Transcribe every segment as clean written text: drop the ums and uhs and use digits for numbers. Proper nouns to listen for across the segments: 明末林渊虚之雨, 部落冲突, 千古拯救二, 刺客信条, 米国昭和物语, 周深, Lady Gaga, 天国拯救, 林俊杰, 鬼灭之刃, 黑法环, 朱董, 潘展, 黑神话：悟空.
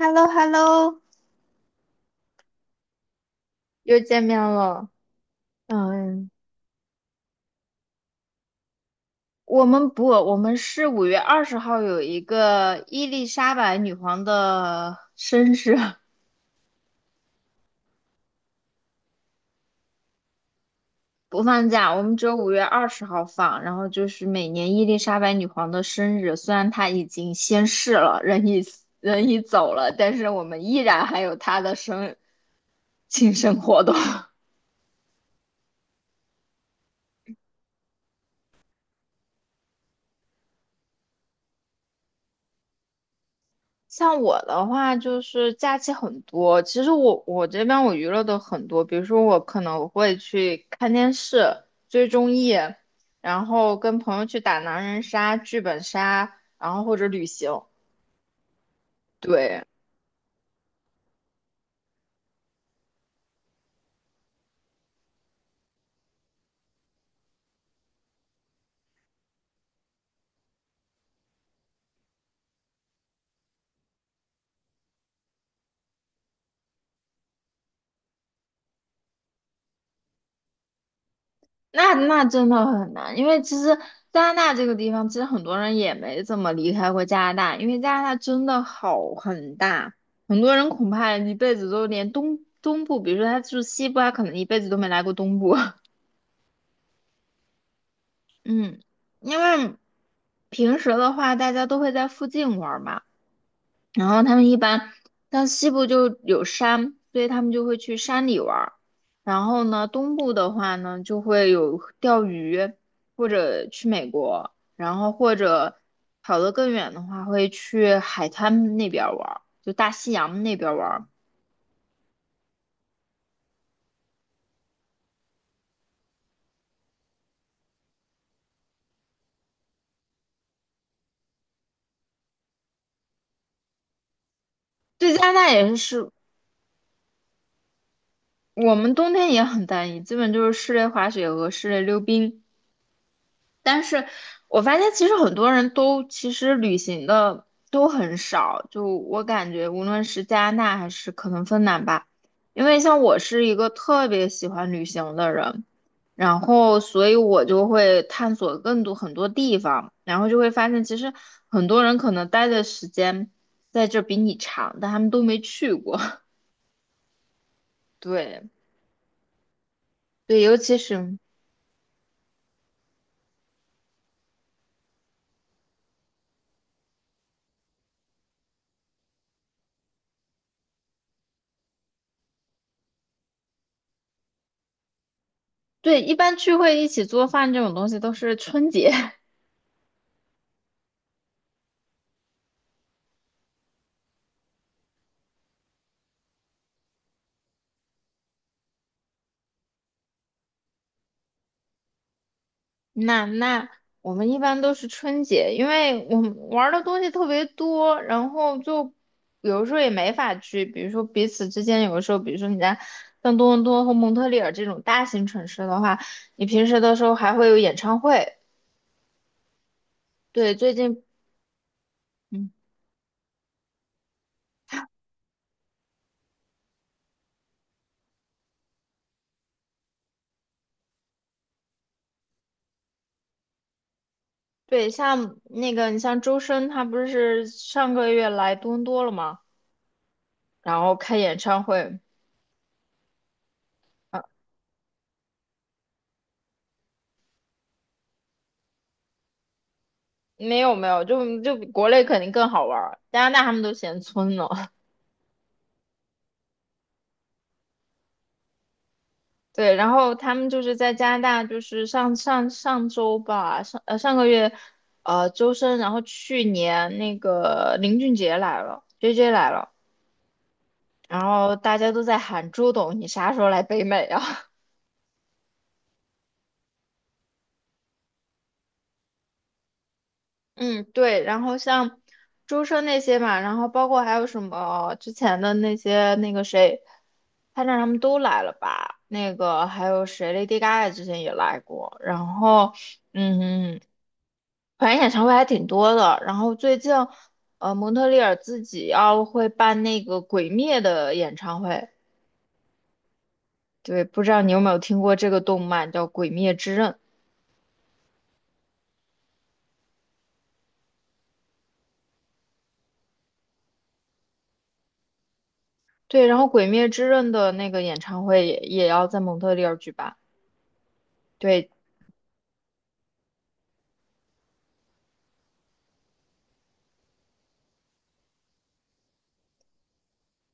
h e l l o h e l l o 又见面了。嗯，我们不，我们是五月二十号有一个伊丽莎白女皇的生日 不放假，我们只有五月二十号放。然后就是每年伊丽莎白女皇的生日，虽然她已经仙逝了，人已走了，但是我们依然还有她的生庆生活动。像我的话，就是假期很多。其实我这边我娱乐的很多，比如说我可能会去看电视、追综艺，然后跟朋友去打狼人杀、剧本杀，然后或者旅行。对，那真的很难，因为其实加拿大这个地方，其实很多人也没怎么离开过加拿大，因为加拿大真的好很大，很多人恐怕一辈子都连东部，比如说他住西部，他可能一辈子都没来过东部。嗯，因为平时的话，大家都会在附近玩儿嘛，然后他们一般，但西部就有山，所以他们就会去山里玩儿。然后呢，东部的话呢，就会有钓鱼，或者去美国，然后或者跑得更远的话，会去海滩那边儿玩儿，就大西洋那边儿玩儿。对，加拿大也是，我们冬天也很单一，基本就是室内滑雪和室内溜冰。但是我发现其实很多人都其实旅行的都很少，就我感觉无论是加拿大还是可能芬兰吧，因为像我是一个特别喜欢旅行的人，然后所以我就会探索更多很多地方，然后就会发现其实很多人可能待的时间在这比你长，但他们都没去过。对对，尤其是对一般聚会一起做饭这种东西都是春节。那我们一般都是春节，因为我们玩儿的东西特别多，然后就有时候也没法去，比如说彼此之间，有的时候，比如说你在像多伦多和蒙特利尔这种大型城市的话，你平时的时候还会有演唱会。对，最近，嗯，对，像那个你像周深，他不是上个月来多伦多了吗？然后开演唱会，啊，没有没有，就就比国内肯定更好玩儿，加拿大他们都嫌村呢。对，然后他们就是在加拿大，就是上上上周吧，上个月，周深，然后去年那个林俊杰来了，JJ 来了，然后大家都在喊朱董，你啥时候来北美啊？嗯，对，然后像周深那些嘛，然后包括还有什么之前的那些那个谁，潘展他们都来了吧？那个还有谁，Lady Gaga 之前也来过，然后嗯，反正演唱会还挺多的。然后最近蒙特利尔自己要会办那个《鬼灭》的演唱会，对，不知道你有没有听过这个动漫叫《鬼灭之刃》？对，然后《鬼灭之刃》的那个演唱会也也要在蒙特利尔举办。对，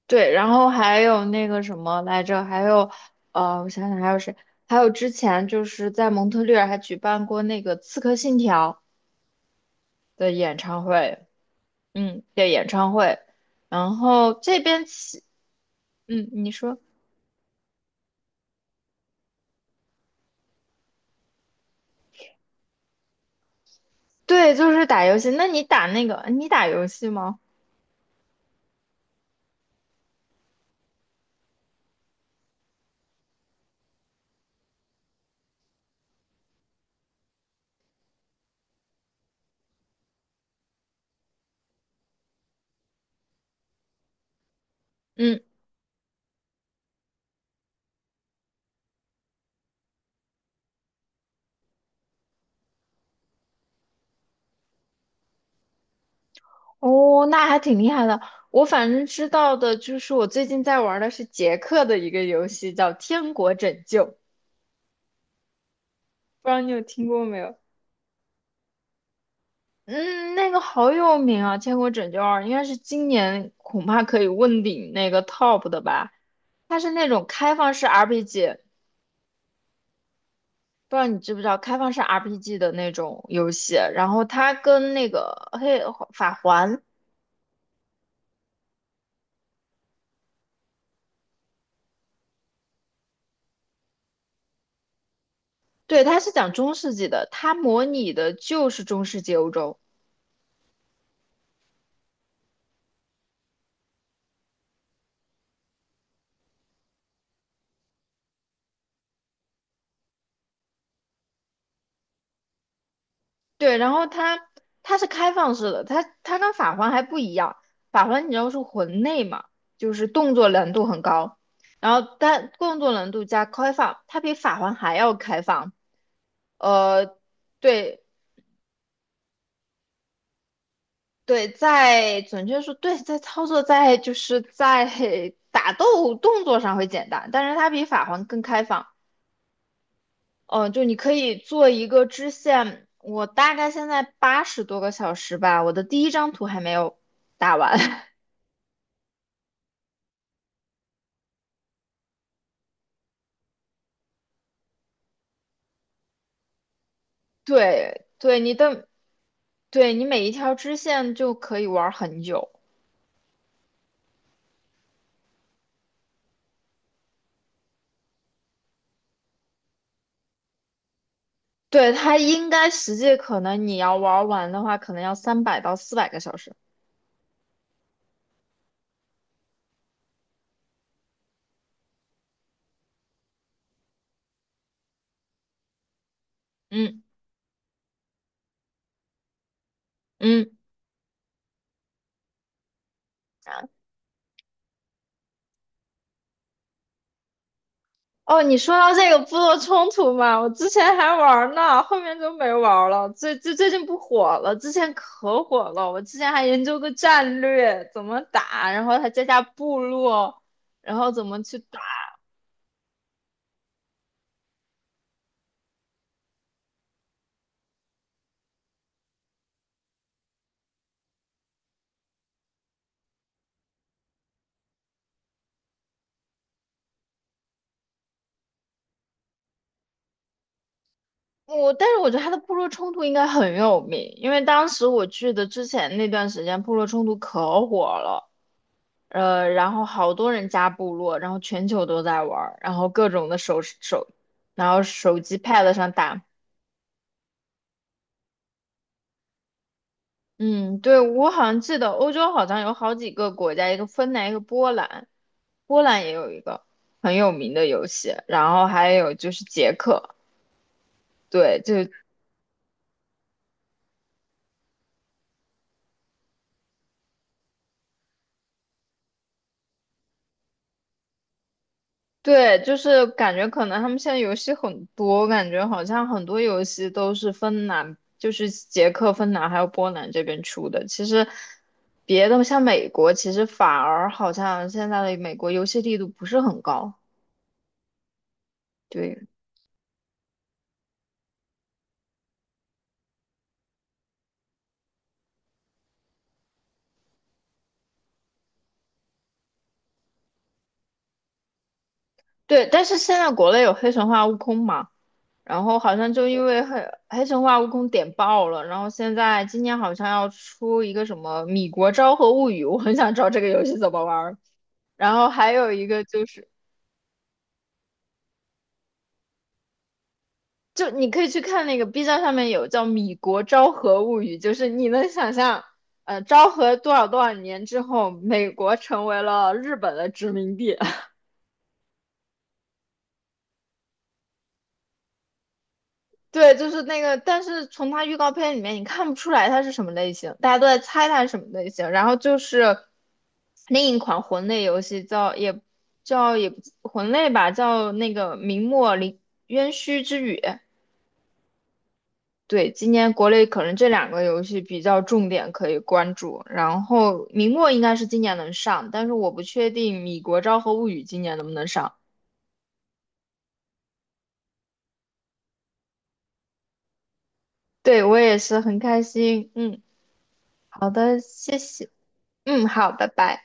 对，然后还有那个什么来着，还有，我想想还有谁，还有之前就是在蒙特利尔还举办过那个《刺客信条》的演唱会，嗯，的演唱会。然后这边起，嗯，你说，对，就是打游戏。那你打那个，你打游戏吗？嗯，哦，那还挺厉害的。我反正知道的就是我最近在玩的是杰克的一个游戏，叫《天国拯救》，不知道你有听过没有？嗯，那个好有名啊，《千古拯救二》应该是今年恐怕可以问鼎那个 top 的吧？它是那种开放式 RPG，不知道你知不知道开放式 RPG 的那种游戏。然后它跟那个法环，对，它是讲中世纪的，它模拟的就是中世纪欧洲。对，然后它是开放式的，它跟法环还不一样。法环你知道是魂类嘛，就是动作难度很高，然后但动作难度加开放，它比法环还要开放。呃，对对，在准确说，对，在操作在就是在打斗动作上会简单，但是它比法环更开放。哦，就你可以做一个支线，我大概现在80多个小时吧，我的第一张图还没有打完。对，对，你的，对你每一条支线就可以玩很久。对，它应该实际可能你要玩完的话，可能要300到400个小时。嗯嗯，嗯哦，你说到这个部落冲突嘛，我之前还玩儿呢，后面就没玩儿了。最近不火了，之前可火了。我之前还研究个战略，怎么打，然后还加部落，然后怎么去打。我但是我觉得他的部落冲突应该很有名，因为当时我记得之前那段时间部落冲突可火了，然后好多人加部落，然后全球都在玩儿然后各种的然后手机 pad 上打。嗯，对，我好像记得欧洲好像有好几个国家，一个芬兰，一个波兰，波兰也有一个很有名的游戏，然后还有就是捷克，对，就对，就是感觉可能他们现在游戏很多，我感觉好像很多游戏都是芬兰，就是捷克、芬兰还有波兰这边出的。其实别的像美国，其实反而好像现在的美国游戏力度不是很高，对对，但是现在国内有《黑神话：悟空》嘛。然后好像就因为黑神话悟空点爆了，然后现在今年好像要出一个什么《米国昭和物语》，我很想知道这个游戏怎么玩儿。然后还有一个就是，就你可以去看那个 B 站上面有叫《米国昭和物语》，就是你能想象，昭和多少多少年之后，美国成为了日本的殖民地，对，就是那个，但是从它预告片里面你看不出来它是什么类型，大家都在猜它是什么类型。然后就是另一款魂类游戏叫也叫也不魂类吧，叫那个明末林渊虚之雨。对，今年国内可能这两个游戏比较重点可以关注。然后明末应该是今年能上，但是我不确定米国昭和物语今年能不能上。对，我也是很开心。嗯，好的，谢谢。嗯，好，拜拜。